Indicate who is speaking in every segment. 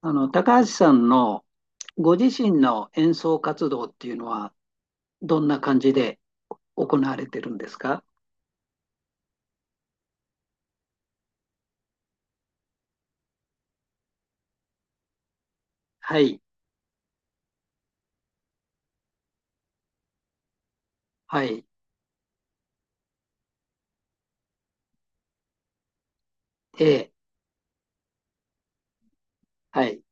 Speaker 1: 高橋さんのご自身の演奏活動っていうのは、どんな感じで行われてるんですか？はい、はい、ええ、はい、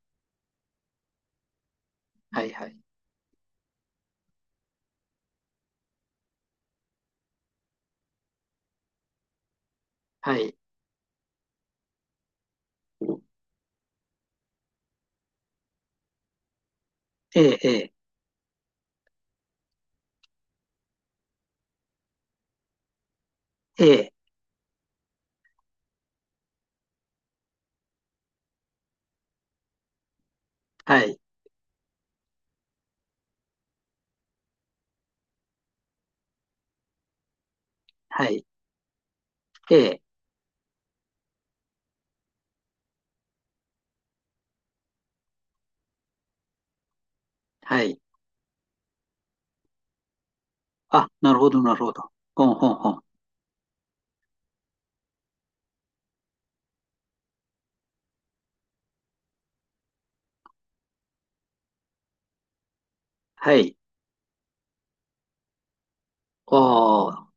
Speaker 1: はい、はい、はい、ええ、ええ、ええ、はい、はい、ええ、はい。あ、なるほど、なるほど。ほんほんほん。はい。ああ、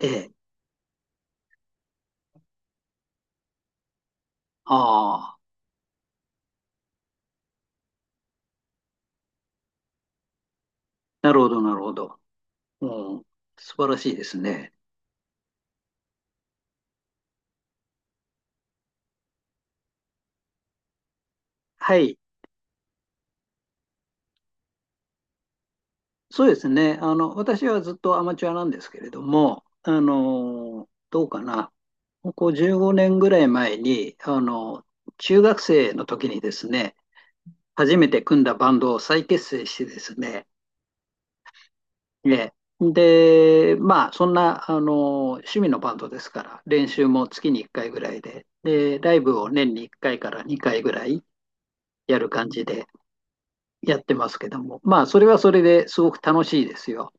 Speaker 1: ええ、ああ、なるほど、なるほど。うん、素晴らしいですね。はい。そうですね。私はずっとアマチュアなんですけれども、どうかな。ここ15年ぐらい前に、中学生の時にですね、初めて組んだバンドを再結成してですね、ね。で、まあ、そんな、趣味のバンドですから、練習も月に1回ぐらいで、ライブを年に1回かいから2回ぐらいやる感じでやってますけども、まあ、それはそれですごく楽しいですよ。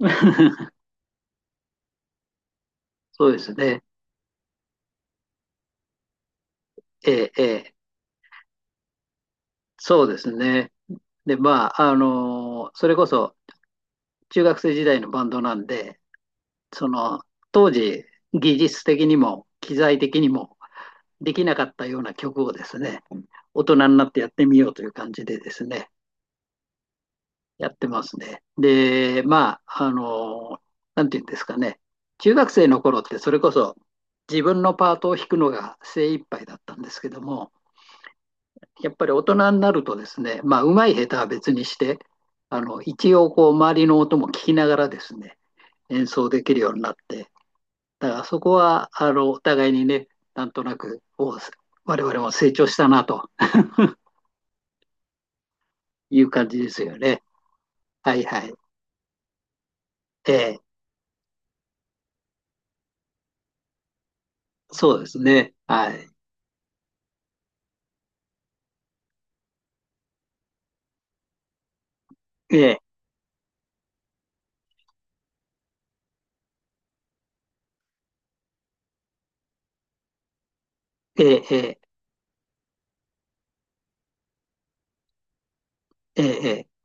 Speaker 1: そうですね。ええ、ええ。そうですね。で、まあ、それこそ中学生時代のバンドなんで、その、当時、技術的にも機材的にもできなかったような曲をですね、大人になってやってみようという感じでですね、やってますね。で、まあ、なんていうんですかね、中学生の頃ってそれこそ自分のパートを弾くのが精一杯だったんですけども、やっぱり大人になるとですね、まあ、うまい下手は別にして、一応こう周りの音も聞きながらですね、演奏できるようになって、だからそこはお互いにね、なんとなく我々も成長したなという感じですよね。はいはい。ええ、そうですね。はい。ええええええええ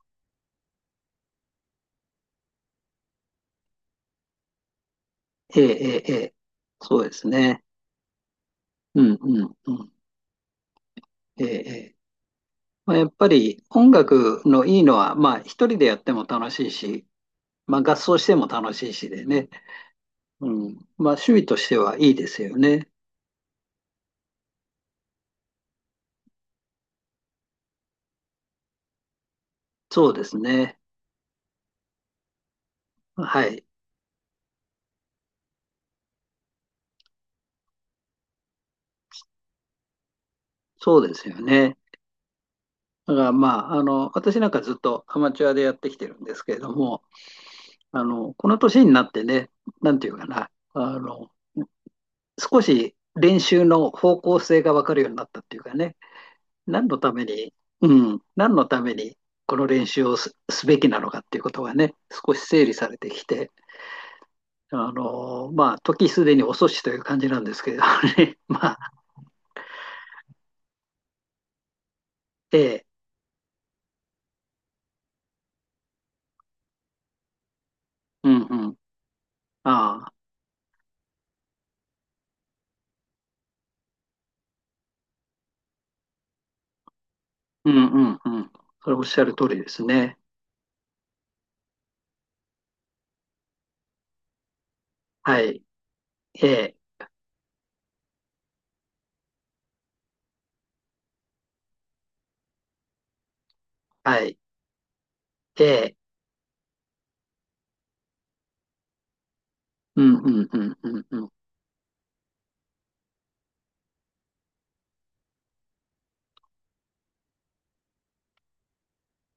Speaker 1: ええええええ、そうですね。うんうんうん。ええええ、まあ、やっぱり音楽のいいのは、まあ一人でやっても楽しいし、まあ、合奏しても楽しいしでね。うん。まあ、趣味としてはいいですよね。そうですね。はい。そうですよね。だから、まあ、私なんかずっとアマチュアでやってきてるんですけれども、この年になってね、なんていうかな、少し練習の方向性が分かるようになったっていうかね、何のために、う何のためにこの練習をすべきなのかっていうことがね、少し整理されてきて、まあ、時すでに遅しという感じなんですけれどね。まあ、ええ、うんうん。ああ、うんうんうん。それおっしゃる通りですね。はい。ええ、はい。ええ、うんうんうんうんうん。あ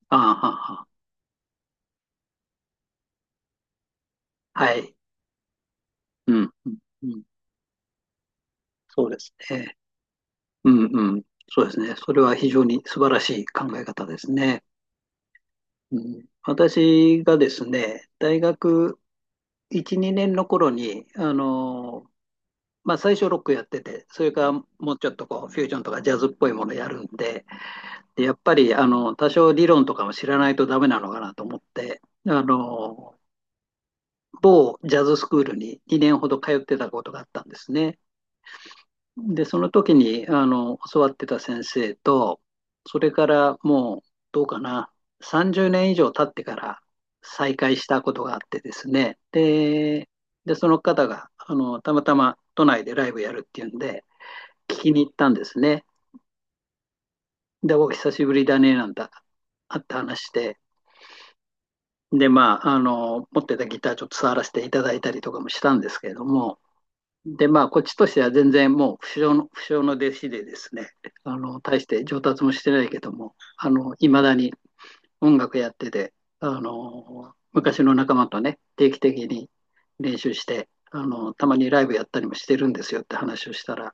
Speaker 1: あ、はは。はい。うんうんうん。そうですね。うんうん。そうですね。それは非常に素晴らしい考え方ですね。うん、私がですね、大学1、2年の頃に、まあ、最初ロックやってて、それからもうちょっとこうフュージョンとかジャズっぽいものやるんで、でやっぱり多少理論とかも知らないとダメなのかなと思って、あの某ジャズスクールに2年ほど通ってたことがあったんですね。で、その時に教わってた先生と、それからもうどうかな、30年以上経ってから再会したことがあってですね、で、その方がたまたま都内でライブやるっていうんで、聞きに行ったんですね。で、お久しぶりだね、なんて、あって話して、で、まあ、持ってたギターちょっと触らせていただいたりとかもしたんですけれども、で、まあ、こっちとしては全然もう不肖の弟子でですね、大して上達もしてないけども、いまだに音楽やってて、昔の仲間とね、定期的に練習して、たまにライブやったりもしてるんですよって話をしたら、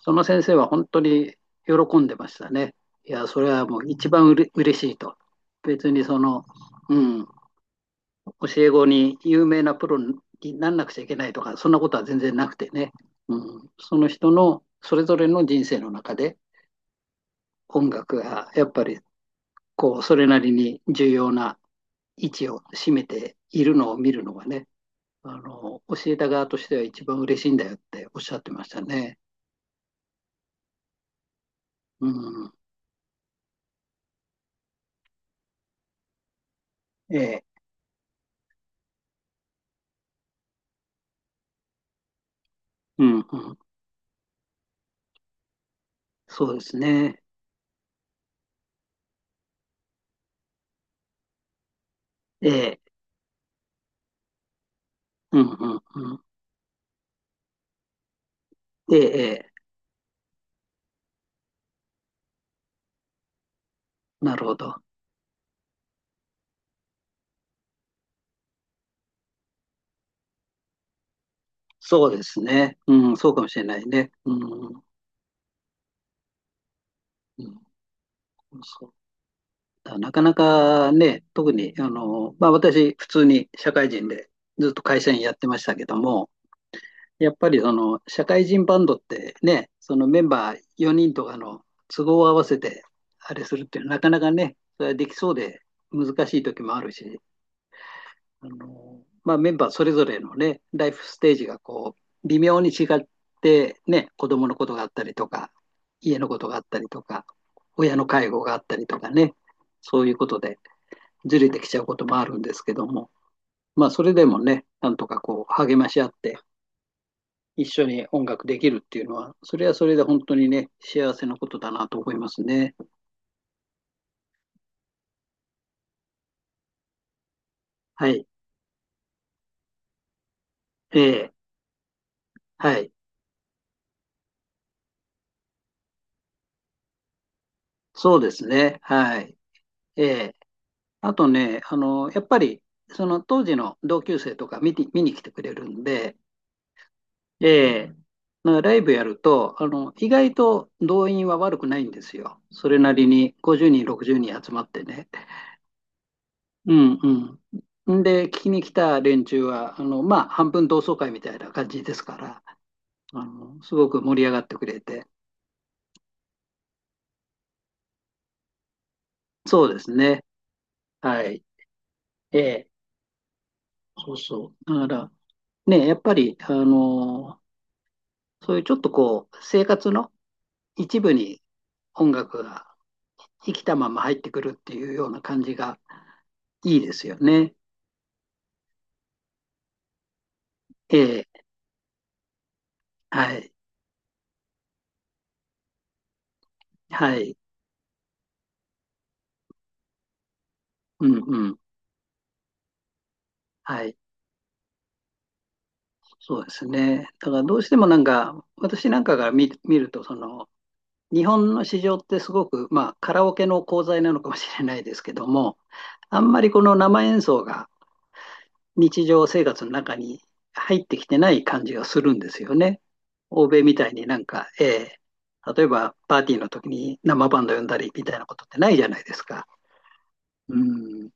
Speaker 1: その先生は本当に喜んでましたね。いや、それはもう一番嬉しいと。別にう教え子に有名なプロになんなくちゃいけないとか、そんなことは全然なくてね。うん、その人のそれぞれの人生の中で音楽がやっぱりこうそれなりに重要な位置を占めているのを見るのがね、教えた側としては一番嬉しいんだよっておっしゃってましたね。うん、ええ、うん、うん、そうですね。ええ、うんうんうん。ええ、ええ、なるほど。そうですね。うん、そうかもしれないね。うん、うん、そうだなかなかね、特に、まあ私、普通に社会人でずっと会社員やってましたけども、やっぱりその社会人バンドってね、そのメンバー4人とかの都合を合わせて、あれするっていうのはなかなかね、それはできそうで難しい時もあるし、まあ、メンバーそれぞれのね、ライフステージがこう、微妙に違って、ね、子供のことがあったりとか、家のことがあったりとか、親の介護があったりとかね、そういうことでずれてきちゃうこともあるんですけども、まあ、それでもね、なんとかこう、励まし合って、一緒に音楽できるっていうのは、それはそれで本当にね、幸せなことだなと思いますね。はい。えーはい。そうですね。はい。ええ、あとね、やっぱり、その当時の同級生とか見に来てくれるんで、ええ、まあライブやると、意外と動員は悪くないんですよ。それなりに50人、60人集まってね。うんうん。んで、聞きに来た連中は、まあ、半分同窓会みたいな感じですから、すごく盛り上がってくれて。そうですね。はい。ええ、そうそう。だから、ね、やっぱり、そういうちょっとこう、生活の一部に音楽が生きたまま入ってくるっていうような感じがいいですよね。ええ、はい、はい、うんうん、はい、そうですね。だからどうしてもなんか、私なんかが見ると、日本の市場ってすごく、まあ、カラオケの功罪なのかもしれないですけども、あんまりこの生演奏が日常生活の中に入ってきてない感じがするんですよね。欧米みたいになんか、ー例えばパーティーの時に生バンド呼んだりみたいなことってないじゃないですか。うん。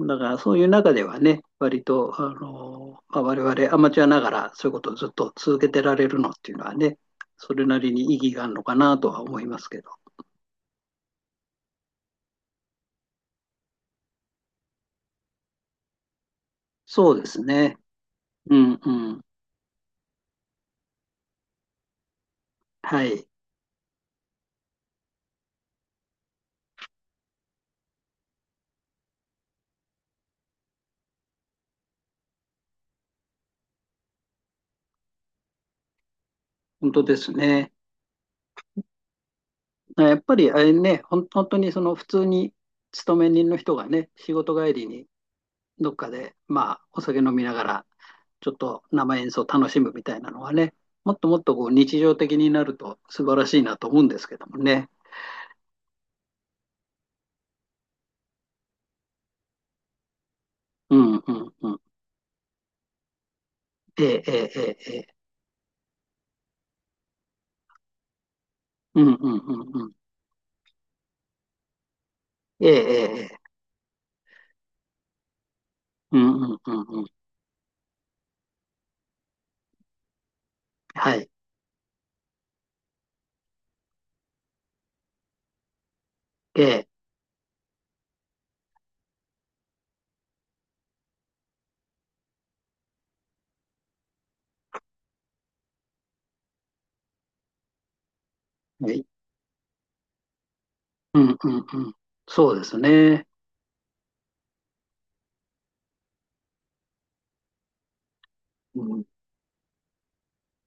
Speaker 1: だからそういう中ではね、割と、まあ、我々アマチュアながらそういうことをずっと続けてられるのっていうのはね、それなりに意義があるのかなとは思いますけど。そうですね。うんうん。はい。本当ですね。やっぱりあれね、本当にその普通に勤め人の人がね、仕事帰りにどっかで、まあ、お酒飲みながら、ちょっと生演奏楽しむみたいなのはね、もっともっとこう日常的になると素晴らしいなと思うんですけどもね。うんうんうん。ええええええ。うんうんうんうん。ええええ。ええ、うんうんうんうん。はい。ええ。はい。うんうんうん。そうですね。うん